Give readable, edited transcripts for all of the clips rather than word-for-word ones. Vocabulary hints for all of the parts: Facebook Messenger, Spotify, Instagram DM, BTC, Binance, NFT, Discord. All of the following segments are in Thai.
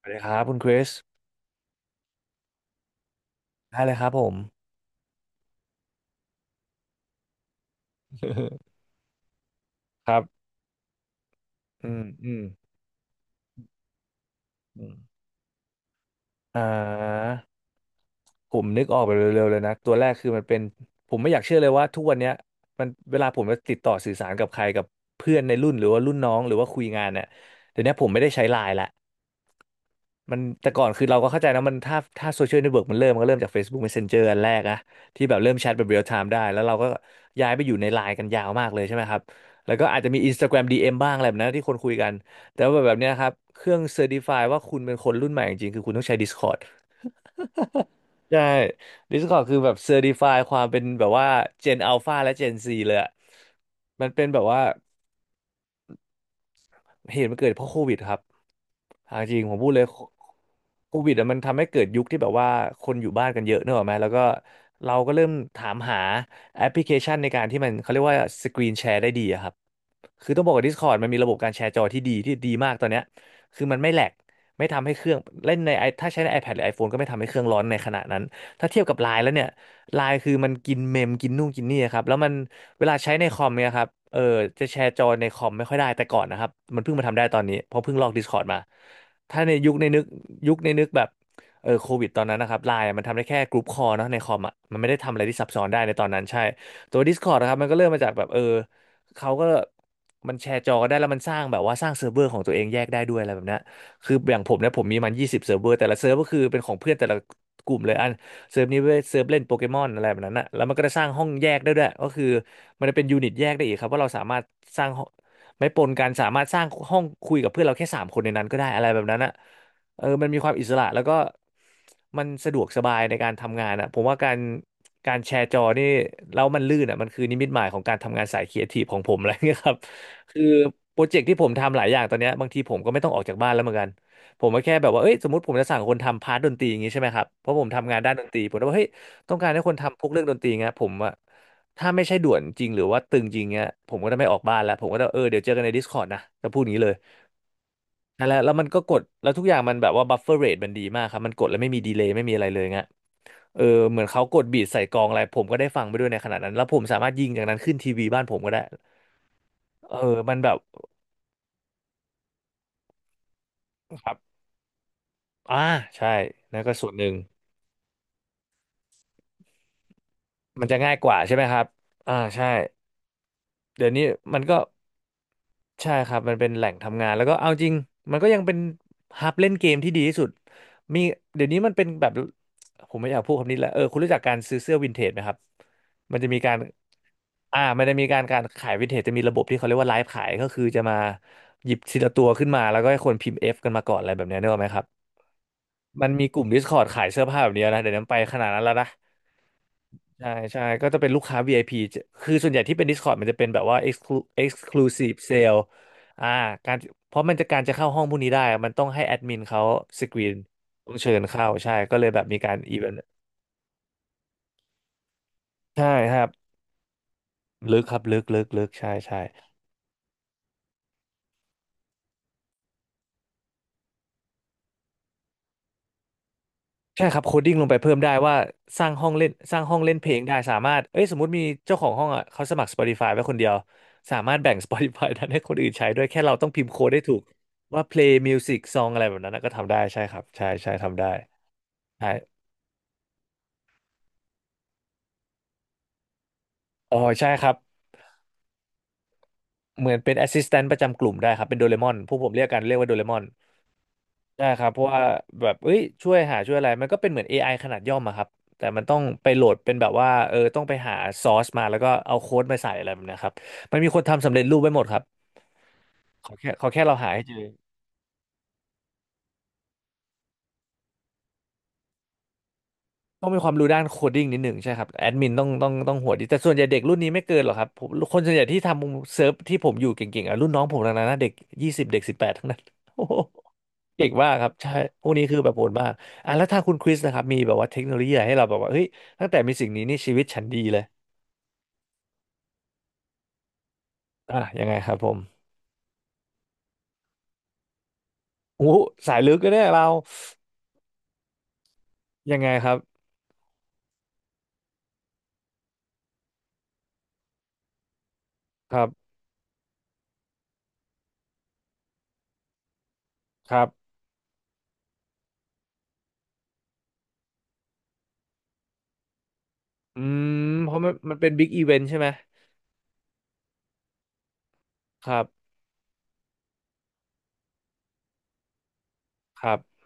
สวัสดีครับคุณคริสได้เลยครับผม ครับอืมอืมอืมอ่าผมนึกออกไปเร็วๆเลยนะ ตัวแรกคือมันเป็น ผมไม่อยากเชื่อเลยว่าทุกวันเนี้ยมันเวลาผมจะติดต่อสื่อสารกับใครกับเพื่อนในรุ่นหรือว่ารุ่นน้องหรือว่าคุยงานเนี่ยเดี๋ยวนี้ผมไม่ได้ใช้ไลน์ละ มันแต่ก่อนคือเราก็เข้าใจนะมันถ้าโซเชียลเน็ตเวิร์กมันเริ่มมันก็เริ่มจาก Facebook Messenger อันแรกอะที่แบบเริ่มแชทแบบเรียลไทม์ได้แล้วเราก็ย้ายไปอยู่ในไลน์กันยาวมากเลยใช่ไหมครับแล้วก็อาจจะมี Instagram DM บ้างอะไรแบบนั้นที่คนคุยกันแต่ว่าแบบเนี้ยครับเครื่องเซอร์ f ิฟายว่าคุณเป็นคนรุ่นใหม่จริงๆคือคุณต้องใช้ Discord ใช่ Discord คือแบบเซอร์ f ิฟายความเป็นแบบว่า Gen Alpha และ Gen Z เลยอะมันเป็นแบบว่า เหตุมันเกิดเพราะโควิดครับเอาจริงผมพูดเลยโควิดอะมันทำให้เกิดยุคที่แบบว่าคนอยู่บ้านกันเยอะเนกอะไหมแล้วก็เราก็เริ่มถามหาแอปพลิเคชันในการที่มันเขาเรียกว่าสกรีนแชร์ได้ดีอะครับ คือต้องบอกว่า Discord มันมีระบบการแชร์จอที่ดีมากตอนเนี้ยคือมันไม่แหลกไม่ทำให้เครื่องเล่นใน ถ้าใช้ใน iPad หรือ iPhone ก็ไม่ทำให้เครื่องร้อนในขณะนั้น ถ้าเทียบกับ Line แล้วเนี่ย Line คือมันกินเมมกินนู่นกินนี่ครับแล้วมันเวลาใช้ในคอมเนี่ยครับจะแชร์จอในคอมไม่ค่อยได้แต่ก่อนนะครับมันเพิ่งมาทำได้ตอนนี้เพราะเพิ่งลอก Discord มาถ้าในยุคในนึกแบบโควิดตอนนั้นนะครับไลน์มันทำได้แค่กรุ๊ปคอลเนาะในคอมอ่ะมันไม่ได้ทำอะไรที่ซับซ้อนได้ในตอนนั้นใช่ตัว Discord นะครับมันก็เริ่มมาจากแบบเขาก็ มันแชร์จอได้แล้วมันสร้างแบบว่าสร้างเซิร์ฟเวอร์ของตัวเองแยกได้ด้วยอะไรแบบเนี้ยคืออย่างผมเนี่ยผมมีมัน20 เซิร์ฟเวอร์แต่ละเซิร์ฟก็คือเป็นของเพื่อนแต่ละกลุ่มเลยอันเซิร์ฟนี้เว้ยเซิร์ฟเล่นโปเกมอนอะไรแบบนั้นนะแล้วมันก็จะสร้างห้องแยกได้ด้วยก็คือมันจะเป็นยูนิตแยกได้อีกครับว่าเราสามารถสร้างห้องไม่ปนกันสามารถสร้างห้องคุยกับเพื่อนเราแค่สามคนในนั้นก็ได้อะไรแบบนั้นนะเออมันมีความอิสระแล้วก็มันสะดวกสบายในการทำงานอ่ะผมว่าการแชร์จอนี่แล้วมันลื่นอ่ะมันคือนิมิตหมายของการทำงานสายครีเอทีฟของผมอะไรเงี้ยครับ คือโปรเจกต์ที่ผมทำหลายอย่างตอนเนี้ยบางทีผมก็ไม่ต้องออกจากบ้านแล้วเหมือนกันผมก็แค่แบบว่าเอ้ยสมมติผมจะสั่งคนทำพาร์ทดนตรีอย่างงี้ใช่ไหมครับเพราะผมทำงานด้านดนตรีผมก็บอกเฮ้ยต้องการให้คนทำพวกเรื่องดนตรีเงี้ยผมอะถ้าไม่ใช่ด่วนจริงหรือว่าตึงจริงเงี้ยผมก็จะไม่ออกบ้านแล้วผมก็จะเดี๋ยวเจอกันใน Discord นะจะพูดอย่างนี้เลยนั่นแหละแล้วมันก็กดแล้วทุกอย่างมันแบบว่าบัฟเฟอร์เรทมันดีมากครับมันกดแล้วไม่มีดีเลย์ไม่มีอะไรเลยเงี้ยเออเหมือนเขากดบีทใส่กลองอะไรผมก็ได้ฟังไปด้วยในขณะนั้นแล้วผมสามารถยิงจากนั้นขึ้นทีวีบ้านผมก็ได้เออมันแบบครับ อ่าใช่นั่นก็ส่วนหนึ่งมันจะง่ายกว่าใช่ไหมครับอ่าใช่เดี๋ยวนี้มันก็ใช่ครับมันเป็นแหล่งทำงานแล้วก็เอาจริงมันก็ยังเป็นฮับเล่นเกมที่ดีที่สุดมีเดี๋ยวนี้มันเป็นแบบผมไม่อยากพูดคำนี้แหละคุณรู้จักการซื้อเสื้อวินเทจไหมครับมันจะมีการมันจะมีการขายวินเทจจะมีระบบที่เขาเรียกว่าไลฟ์ขายก็คือจะมาหยิบทีละตัวขึ้นมาแล้วก็ให้คนพิมพ์ F กันมาก่อนอะไรแบบเนี้ยนึกออกไหมครับมันมีกลุ่ม Discord ขายเสื้อผ้าแบบเนี้ยนะเดี๋ยวนี้มันไปขนาดนั้นแล้วนะ ใช่ใช่ก็จะเป็นลูกค้า VIP จะคือส่วนใหญ่ที่เป็น Discord มันจะเป็นแบบว่า exclu exclusive sale อ่าการเพราะมันจะการจะเข้าห้องพวกนี้ได้อะมันต้องให้แอดมินเขาสกรีนต้องเชิญเข้าใช่ก็เลยแบบมีการอีเวนต์ใช่ครับลึกครับลึกใช่ใช่ ใช่ครับโคดดิ้งลงไปเพิ่มได้ว่าสร้างห้องเล่นเพลงได้สามารถเอ้ยสมมติมีเจ้าของห้องอ่ะเขาสมัคร Spotify ไว้คนเดียวสามารถแบ่ง Spotify นั้นให้คนอื่นใช้ด้วยแค่เราต้องพิมพ์โค้ดได้ถูกว่า play music song อะไรแบบนั้นนะก็ทำได้ใช่ครับใช่ใช่ทำได้ใช่อ๋อใช่ครับเหมือนเป็น assistant ประจำกลุ่มได้ครับเป็นโดเรมอนพวกผมเรียกกันเรียกว่าโดเรมอน ใช่ครับเพราะว่าแบบเอ้ยช่วยหาช่วยอะไรมันก็เป็นเหมือน AI ขนาดย่อมอะครับแต่มันต้องไปโหลดเป็นแบบว่าต้องไปหาซอสมาแล้วก็เอาโค้ดมาใส่อะไรแบบเนะครับมันมีคนทำสำเร็จรูปไว้หมดครับขอแค่เราหาให้เจอต้องมีความรู้ด้านโคดดิ้งนิดหนึ่งใช่ครับแอดมินต้องหัวดีแต่ส่วนใหญ่เด็กรุ่นนี้ไม่เกินหรอกครับผมคนส่วนใหญ่ที่ทำเซิร์ฟที่ผมอยู่เก่งๆอ่ะรุ่นน้องผมทั้งนั้นนะเด็กยี่สิบเด็กสิบแปดทั้งนั้น โอ้โหเก่งมากครับใช่พวกนี้คือแบบโหดมากอ่ะแล้วถ้าคุณคริสนะครับมีแบบว่าเทคโนโลยีอะไรให้เราแบบว่าเฮ้ยตั้งแต่มีสิ่งนี้นี่ชีวิตฉันดีเลย อ่ะยังไงครับผมอู้สายลึกเลยเนี่ยเรายังไงครับครับครับอืมเพราะมันเป็นบิ๊กอีเวนต์ใช่ไหมครับครับ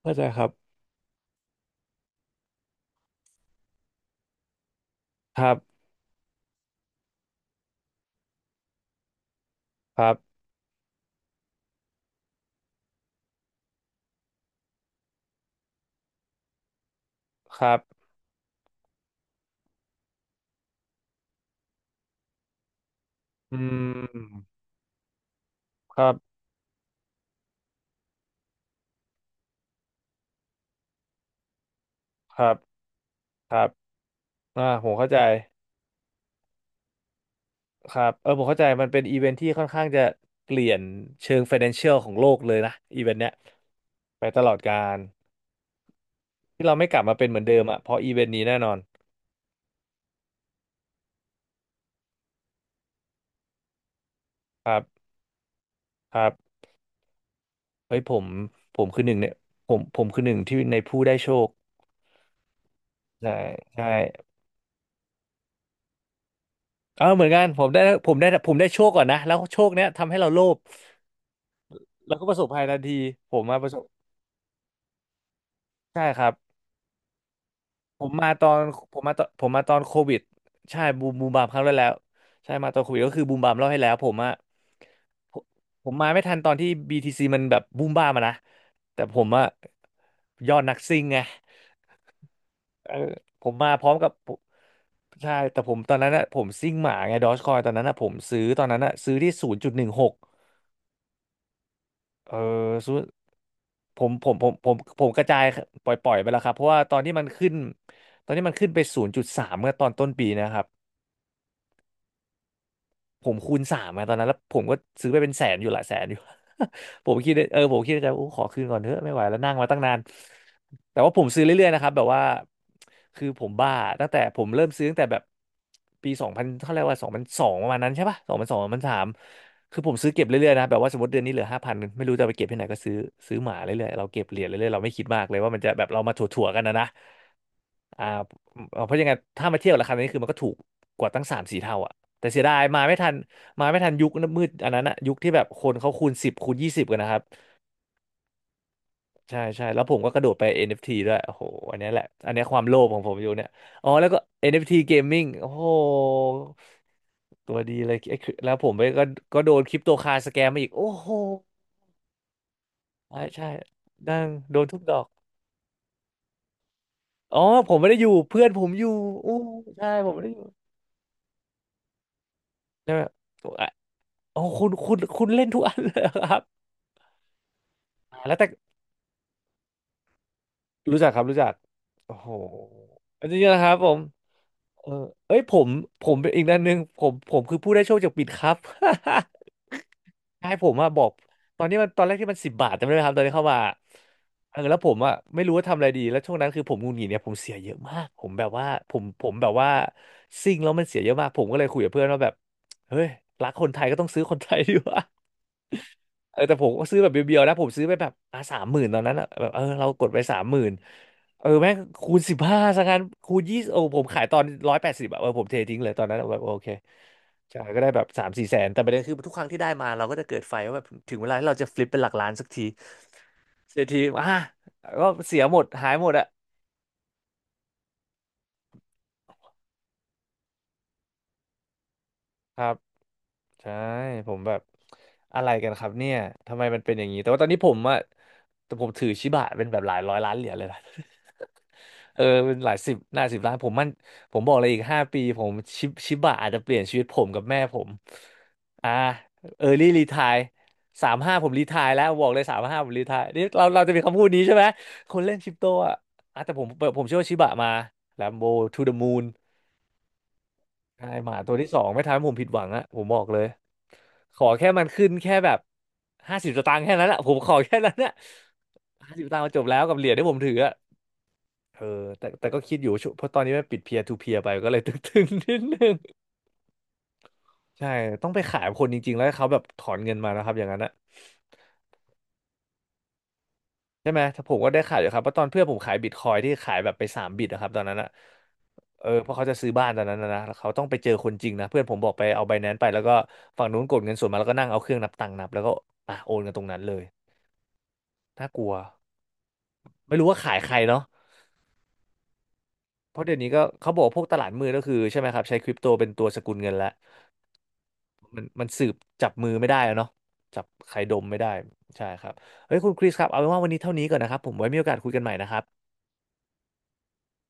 เข้าใจครับครับครับครับอืมครับครับครับอ่าผมเข้าใจครับเออผมเข้าใจมันเป็นอีเวนต์ที่ค่อนข้างจะเปลี่ยนเชิง Financial ของโลกเลยนะอีเวนต์เนี้ยไปตลอดกาลที่เราไม่กลับมาเป็นเหมือนเดิมอ่ะเพราะอีเวนต์นี้แน่นอนครับ เฮ้ยผมคือหนึ่งเนี่ยผมคือหนึ่งที่ในผู้ได้โชคใช่ใช่เออเหมือนกันผมได้ผมได้โชคก่อนนะแล้วโชคเนี้ยทำให้เราโลภแล้วก็ประสบภัยทันทีผมมาประสบใช่ครับผมมาตอนผมมาตอนโควิดใช่บูมบูมบามครั้งแรกแล้วใช่มาตอนโควิดก็คือบูมบามเล่าให้แล้วผมอะผมผมมาไม่ทันตอนที่ BTC มันแบบบูมบ้ามอะนะแต่ผมอะยอดนักซิ่งไง เออผมมาพร้อมกับผมใช่แต่ผมตอนนั้นอะผมซิ่งหมาไงดอ g คอยตอนนั้นอะผมซื้อตอนนั้นอะซื้อที่ศูนย์จุดหนึ่งหกเออซื้อผมกระจายปล่อยไปแล้วครับเพราะว่าตอนที่มันขึ้นตอนที่มันขึ้นไปศูนย์จุดสามเมื่อตอนต้นปีนะครับ ผมคูณสามมาตอนนั้นแล้วผมก็ซื้อไปเป็นแสนอยู่หลายแสนอยู่ ผมคิดในผมคิดในใจโอ้ขอคืนก่อนเถอะไม่ไหวแล้วนั่งมาตั้งนานแต่ว่าผมซื้อเรื่อยๆนะครับแบบว่าคือผมบ้าตั้งแต่ผมเริ่มซื้อตั้งแต่แบบปีสองพันเท่าไหร่ว่าสองพันสองประมาณนั้นใช่ปะสองพันสองสองพันสามคือผมซื้อเก็บเรื่อยๆนะแบบว่าสมมติเดือนนี้เหลือห้าพันไม่รู้จะเอาไปเก็บที่ไหนก็ซื้อซื้อหมาเรื่อยๆเราเก็บเหรียญเรื่อยๆเราไม่คิดมากเลยว่ามันจะแบบเรามาถั่วๆกันนะนะอ่าเพราะยังไงถ้ามาเทียบราคานี้คือมันก็ถูกกว่าตั้งสามสี่เท่าอ่ะ แต่เสียดายมาไม่ทันมาไม่ทันยุคมืดอันนั้นอะยุคที่แบบคนเขาคูณสิบคูณยี่สิบกันนะครับใช่ใช่แล้วผมก็กระโดดไป NFT ด้วยโอ้โหอันเนี้ยแหละอันเนี้ยความโลภของผมอยู่เนี่ยอ๋อแล้วก็ NFT Gaming โอ้โหตัวดีเลยไอ้คือแล้วผมไปก็โดนคริปโตคาสแกมมาอีกโอ้โหใช่ใช่ดังโดนทุกดอกอ๋อผมไม่ได้อยู่เพื่อนผมอยู่อู้ใช่ผมไม่ได้อยู่ใช่ไหมอ่ะอ๋อคุณเล่นทุกอันเลยเหรอครับแล้วแต่ รู้จักครับรู้จักโอ้โหอันนี้นะครับผมเออเอ้ยผมเป็นอีกด้านหนึ่งผมคือผู้ได้โชคจากปิดครับ ให้ผมบอกตอนนี้มันตอนแรกที่มัน10 บาทจำได้ไหมครับตอนนี้เข้ามาแล้วผมไม่รู้ว่าทำอะไรดีแล้วช่วงนั้นคือผมหงุดหงิดเนี่ยผมเสียเยอะมากผมแบบว่าผมแบบว่าซิ่งแล้วมันเสียเยอะมากผมก็เลยคุยกับเพื่อนว่าแบบเฮ้ยรักคนไทยก็ต้องซื้อคนไทยดีกว่า แต่ผมก็ซื้อแบบเบียวๆนะผมซื้อไปแบบอ่ะสามหมื่นตอนนั้นอะแบบเรากดไปสามหมื่นแม่งคูณ15ซะงั้นคูณ20โอ้ผมขายตอน180อะผมเททิ้งเลยตอนนั้นแบบโอเคใช่ก็ได้แบบสามสี่แสนแต่ประเด็นคือทุกครั้งที่ได้มาเราก็จะเกิดไฟว่าแบบถึงเวลาที่เราจะฟลิปเป็นหลักล้านสักทีเสียทีอ่ะก็เสียหมดหายหมดอะครับใช่ผมแบบอะไรกันครับเนี่ยทำไมมันเป็นอย่างนี้แต่ว่าตอนนี้ผมอะแต่ผมถือชิบะเป็นแบบหลายร้อยล้านเหรียญเลยนะ เออเป็นหลายสิบหน้ายสิบล้านผมมันผมบอกเลยอีก5 ปีผมชิบะอาจจะเปลี่ยนชีวิตผมกับแม่ผมอ่าเออร์ลี่รีไทร์สามห้าผมรีไทร์แล้วบอกเลยสามห้าผมรีไทร์นี่เราจะมีคำพูดนี้ใช่ไหมคนเล่นคริปโตอ่ะอ่ะแต่ผมผมเชื่อว่าชิบะมาแลมโบ to the moon ใช่หมาตัวที่สองไม่ทำให้ผมผิดหวังอะผมบอกเลยขอแค่มันขึ้นแค่แบบห้าสิบสตางค์แค่นั้นอะผมขอแค่นั้นอะห้าสิบสตางค์จบแล้วกับเหรียญที่ผมถืออะ เออแต่ก็คิดอยู่ช่วงเพราะตอนนี้มันปิดเพียร์ทูเพียร์ไปก็เลย ตึงๆนิดนึงใช่ต้องไปขายคนจริงๆแล้วให้เขาแบบถอนเงินมานะครับอย่างนั้นนะใช่ไหมถ้าผมก็ได้ขายอยู่ครับเพราะตอนเพื่อนผมขายบิตคอยที่ขายแบบไป3 บิตนะครับตอนนั้นนะเพราะเขาจะซื้อบ้านตอนนั้นนะแล้วเขาต้องไปเจอคนจริงนะเพื่อนผมบอกไปเอาไบแนนซ์ไปแล้วก็ฝั่งนู้นกดเงินส่วนมาแล้วก็นั่งเอาเครื่องนับตังค์นับแล้วก็อ่ะโอนกันตรงนั้นเลยน่ากลัวไม่รู้ว่าขายใครเนาะ เพราะเดี๋ยวนี้ก็เขาบอกว่าพวกตลาดมืดก็คือใช่ไหมครับใช้คริปโตเป็นตัวสกุลเงินแล้วมันสืบจับมือไม่ได้แล้วเนาะจับใครดมไม่ได้ใช่ครับเฮ้ยคุณคริสครับเอาเป็นว่าวันนี้เท่านี้ก่อนนะครับผมไว้มีโอกาสคุยกันใหม่นะครับ